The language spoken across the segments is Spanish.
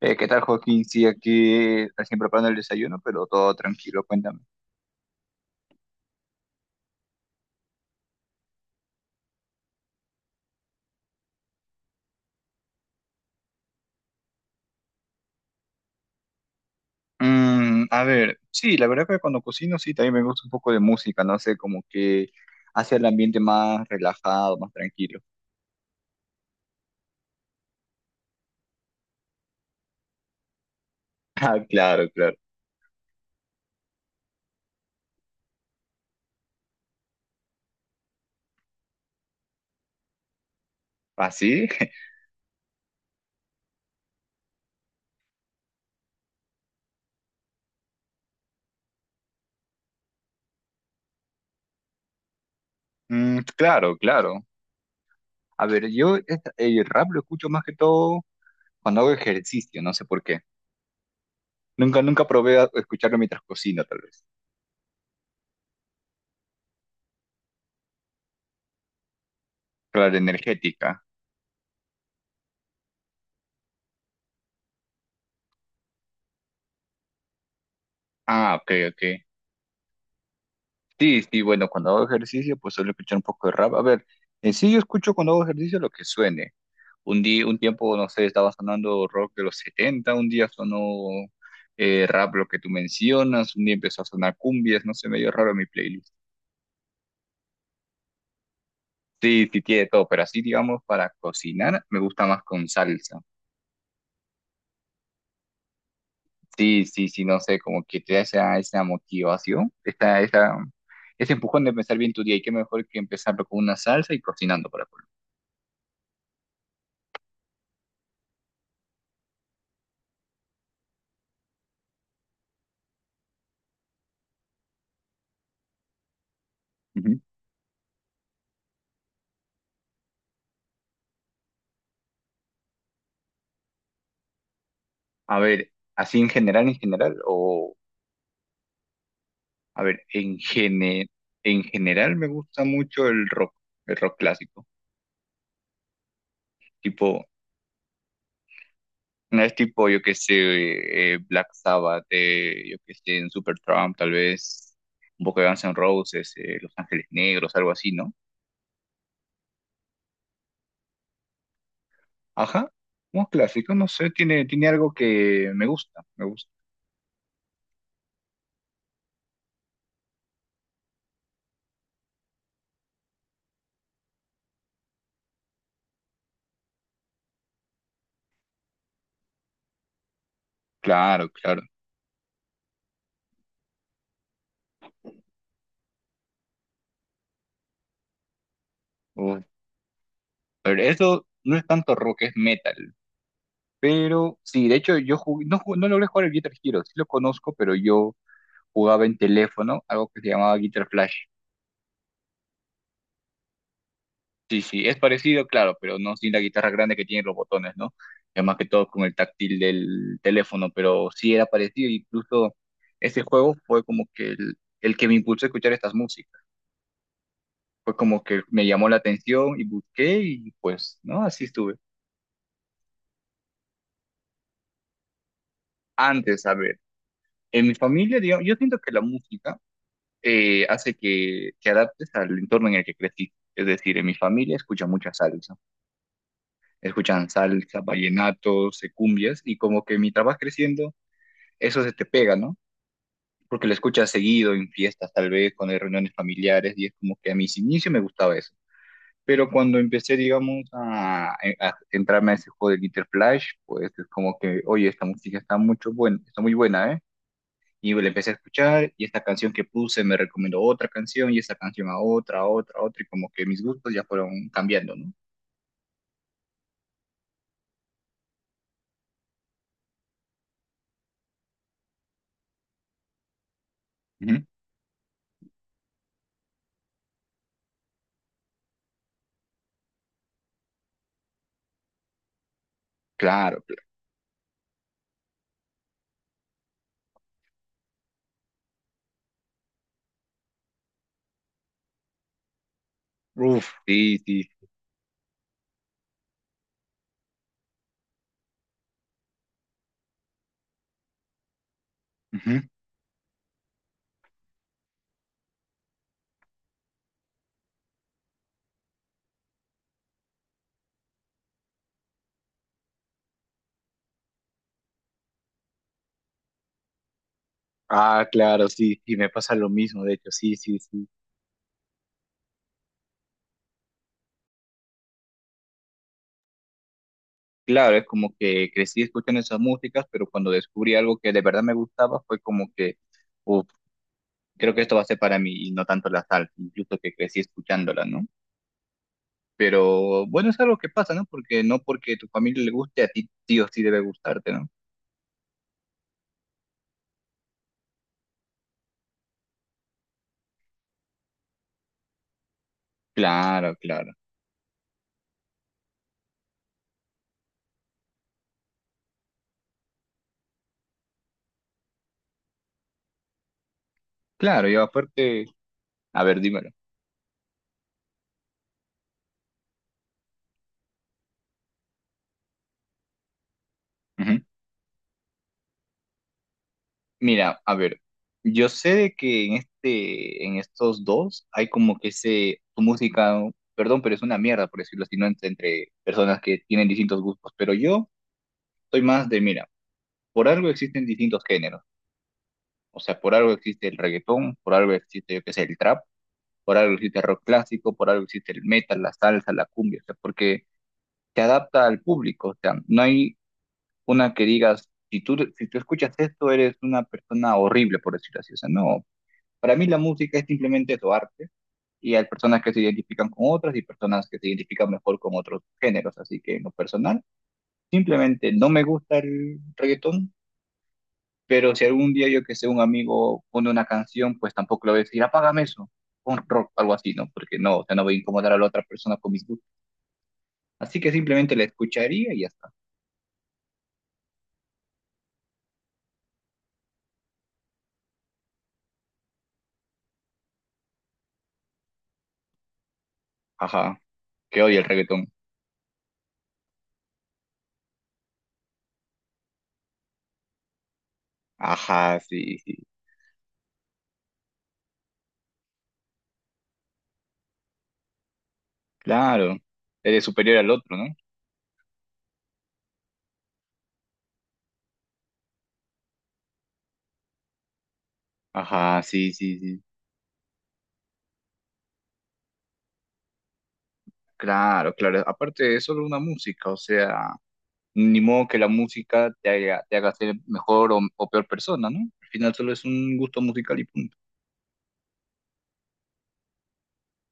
¿Qué tal, Joaquín? Sí, aquí recién preparando el desayuno, pero todo tranquilo, cuéntame. Mm, a ver, sí, la verdad que cuando cocino, sí, también me gusta un poco de música, no sé, como que hace el ambiente más relajado, más tranquilo. Ah, claro, claro. ¿Así? Mm, claro, claro. A ver, yo el rap lo escucho más que todo cuando hago ejercicio, no sé por qué. Nunca probé a escucharlo mientras cocino, tal vez. Claro, energética. Ah, ok, ok. Sí, sí, bueno, cuando hago ejercicio, pues suelo escuchar un poco de rap. A ver, en sí yo escucho cuando hago ejercicio lo que suene. Un día, un tiempo, no sé, estaba sonando rock de los 70, un día sonó rap lo que tú mencionas, un día empezó a sonar cumbias, no sé, medio raro mi playlist. Sí, sí, tiene todo, pero así, digamos, para cocinar me gusta más con salsa. Sí, sí, sí, no sé, como que te da esa, esa motivación, esta, esa, ese empujón de empezar bien tu día y qué mejor que empezarlo con una salsa y cocinando para colmo. A ver, así en general, o a ver, en general me gusta mucho el rock clásico. Tipo, no es tipo, yo qué sé, Black Sabbath, yo qué sé, en Supertramp, tal vez un poco de Guns N' Roses, Los Ángeles Negros, algo así, ¿no? Ajá, un clásico, no sé, tiene, tiene algo que me gusta, me gusta. Claro, claro. Uf, pero eso no es tanto rock, es metal. Pero sí, de hecho yo no logré jugar el Guitar Hero, sí lo conozco, pero yo jugaba en teléfono, algo que se llamaba Guitar Flash. Sí, sí, es parecido, claro, pero no sin la guitarra grande que tiene los botones, ¿no? Es más que todo con el táctil del teléfono, pero sí era parecido, incluso ese juego fue como que el que me impulsó a escuchar estas músicas. Fue como que me llamó la atención y busqué y pues, ¿no? Así estuve. Antes, a ver, en mi familia, digamos, yo siento que la música hace que te adaptes al entorno en el que creciste. Es decir, en mi familia escuchan mucha salsa, escuchan salsa, vallenatos, cumbias, y como que mientras vas creciendo, eso se te pega, ¿no? Porque lo escuchas seguido en fiestas, tal vez, cuando hay reuniones familiares, y es como que a mis inicios me gustaba eso. Pero cuando empecé, digamos, a entrarme a ese juego del Guitar Flash, pues es como que, oye, esta música está mucho buena, está muy buena, ¿eh? Y le empecé a escuchar y esta canción que puse me recomendó otra canción y esta canción a otra, a otra, a otra y como que mis gustos ya fueron cambiando, ¿no? Ujú. Claro, claro. Uf, sí, sí. Ujú. Ah, claro, sí, y me pasa lo mismo, de hecho, sí, sí, sí. Claro, es como que crecí escuchando esas músicas, pero cuando descubrí algo que de verdad me gustaba fue como que, uf, creo que esto va a ser para mí y no tanto la salsa, incluso que crecí escuchándola, ¿no? Pero bueno, es algo que pasa, ¿no? Porque no porque tu familia le guste, a ti sí o sí debe gustarte, ¿no? Claro, claro. Claro, y aparte, a ver, dímelo. Ujú. Mira, a ver, yo sé de que en este, en estos dos hay como que ese, tu música, ¿no? Perdón, pero es una mierda, por decirlo así, no entre personas que tienen distintos gustos, pero yo soy más de, mira, por algo existen distintos géneros, o sea, por algo existe el reggaetón, por algo existe, yo qué sé, el trap, por algo existe el rock clásico, por algo existe el metal, la salsa, la cumbia, o sea, porque se adapta al público, o sea, no hay una que digas, si tú escuchas esto, eres una persona horrible, por decirlo así. O sea, no, para mí la música es simplemente eso, arte, y hay personas que se identifican con otras y personas que se identifican mejor con otros géneros. Así que en lo personal, simplemente no me gusta el reggaetón, pero si algún día yo que sé, un amigo pone una canción, pues tampoco lo voy a decir, apágame eso. Un rock, algo así, ¿no? Porque no, o sea, no voy a incomodar a la otra persona con mis gustos. Así que simplemente la escucharía y ya está. Ajá, que odia el reggaetón. Ajá, sí, sí. Claro, eres superior al otro, ¿no? Ajá, sí, sí, sí. Claro, claro. Aparte, es solo una música, o sea, ni modo que la música te haga ser mejor o peor persona, ¿no? Al final solo es un gusto musical y punto.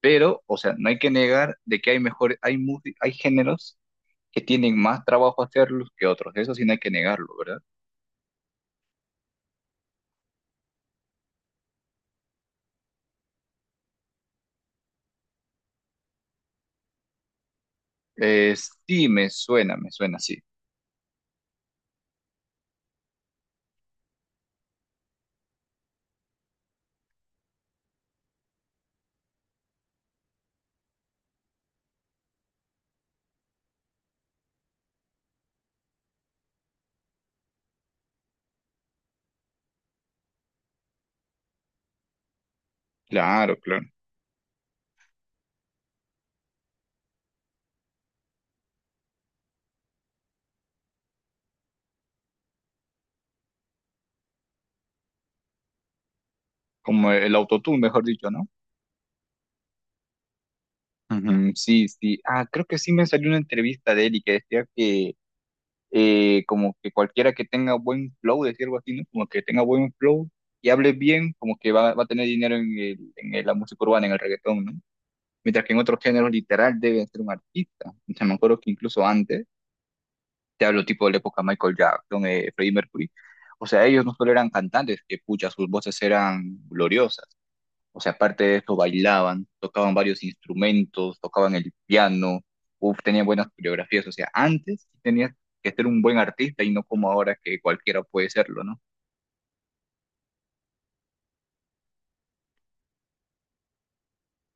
Pero, o sea, no hay que negar de que hay mejores, hay géneros que tienen más trabajo hacerlos que otros. Eso sí no hay que negarlo, ¿verdad? Eh, sí, me suena, sí. Claro, claro. Como el autotune, mejor dicho, ¿no? Ujú, sí, sí. Ah, creo que sí me salió una entrevista de él y que decía que como que cualquiera que tenga buen flow, decir algo así, ¿no? Como que tenga buen flow y hable bien, como que va, va a tener dinero en la música urbana, en el reggaetón, ¿no? Mientras que en otros géneros literal debe ser un artista. O sea, me acuerdo que incluso antes, te hablo tipo de la época Michael Jackson, Freddie Mercury, o sea, ellos no solo eran cantantes, que pucha, sus voces eran gloriosas. O sea, aparte de eso, bailaban, tocaban varios instrumentos, tocaban el piano, uf, tenían buenas coreografías. O sea, antes tenías que ser un buen artista y no como ahora que cualquiera puede serlo, ¿no?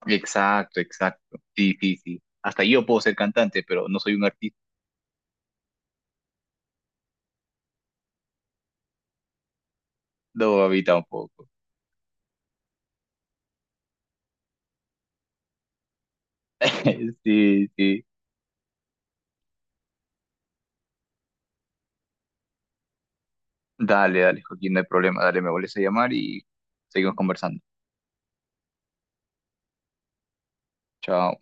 Exacto, exacto. Sí, sí, sí. Hasta yo puedo ser cantante, pero no soy un artista. No, a mí tampoco. Sí, sí. Dale, dale, Joaquín, no hay problema. Dale, me vuelves a llamar y seguimos conversando. Chao.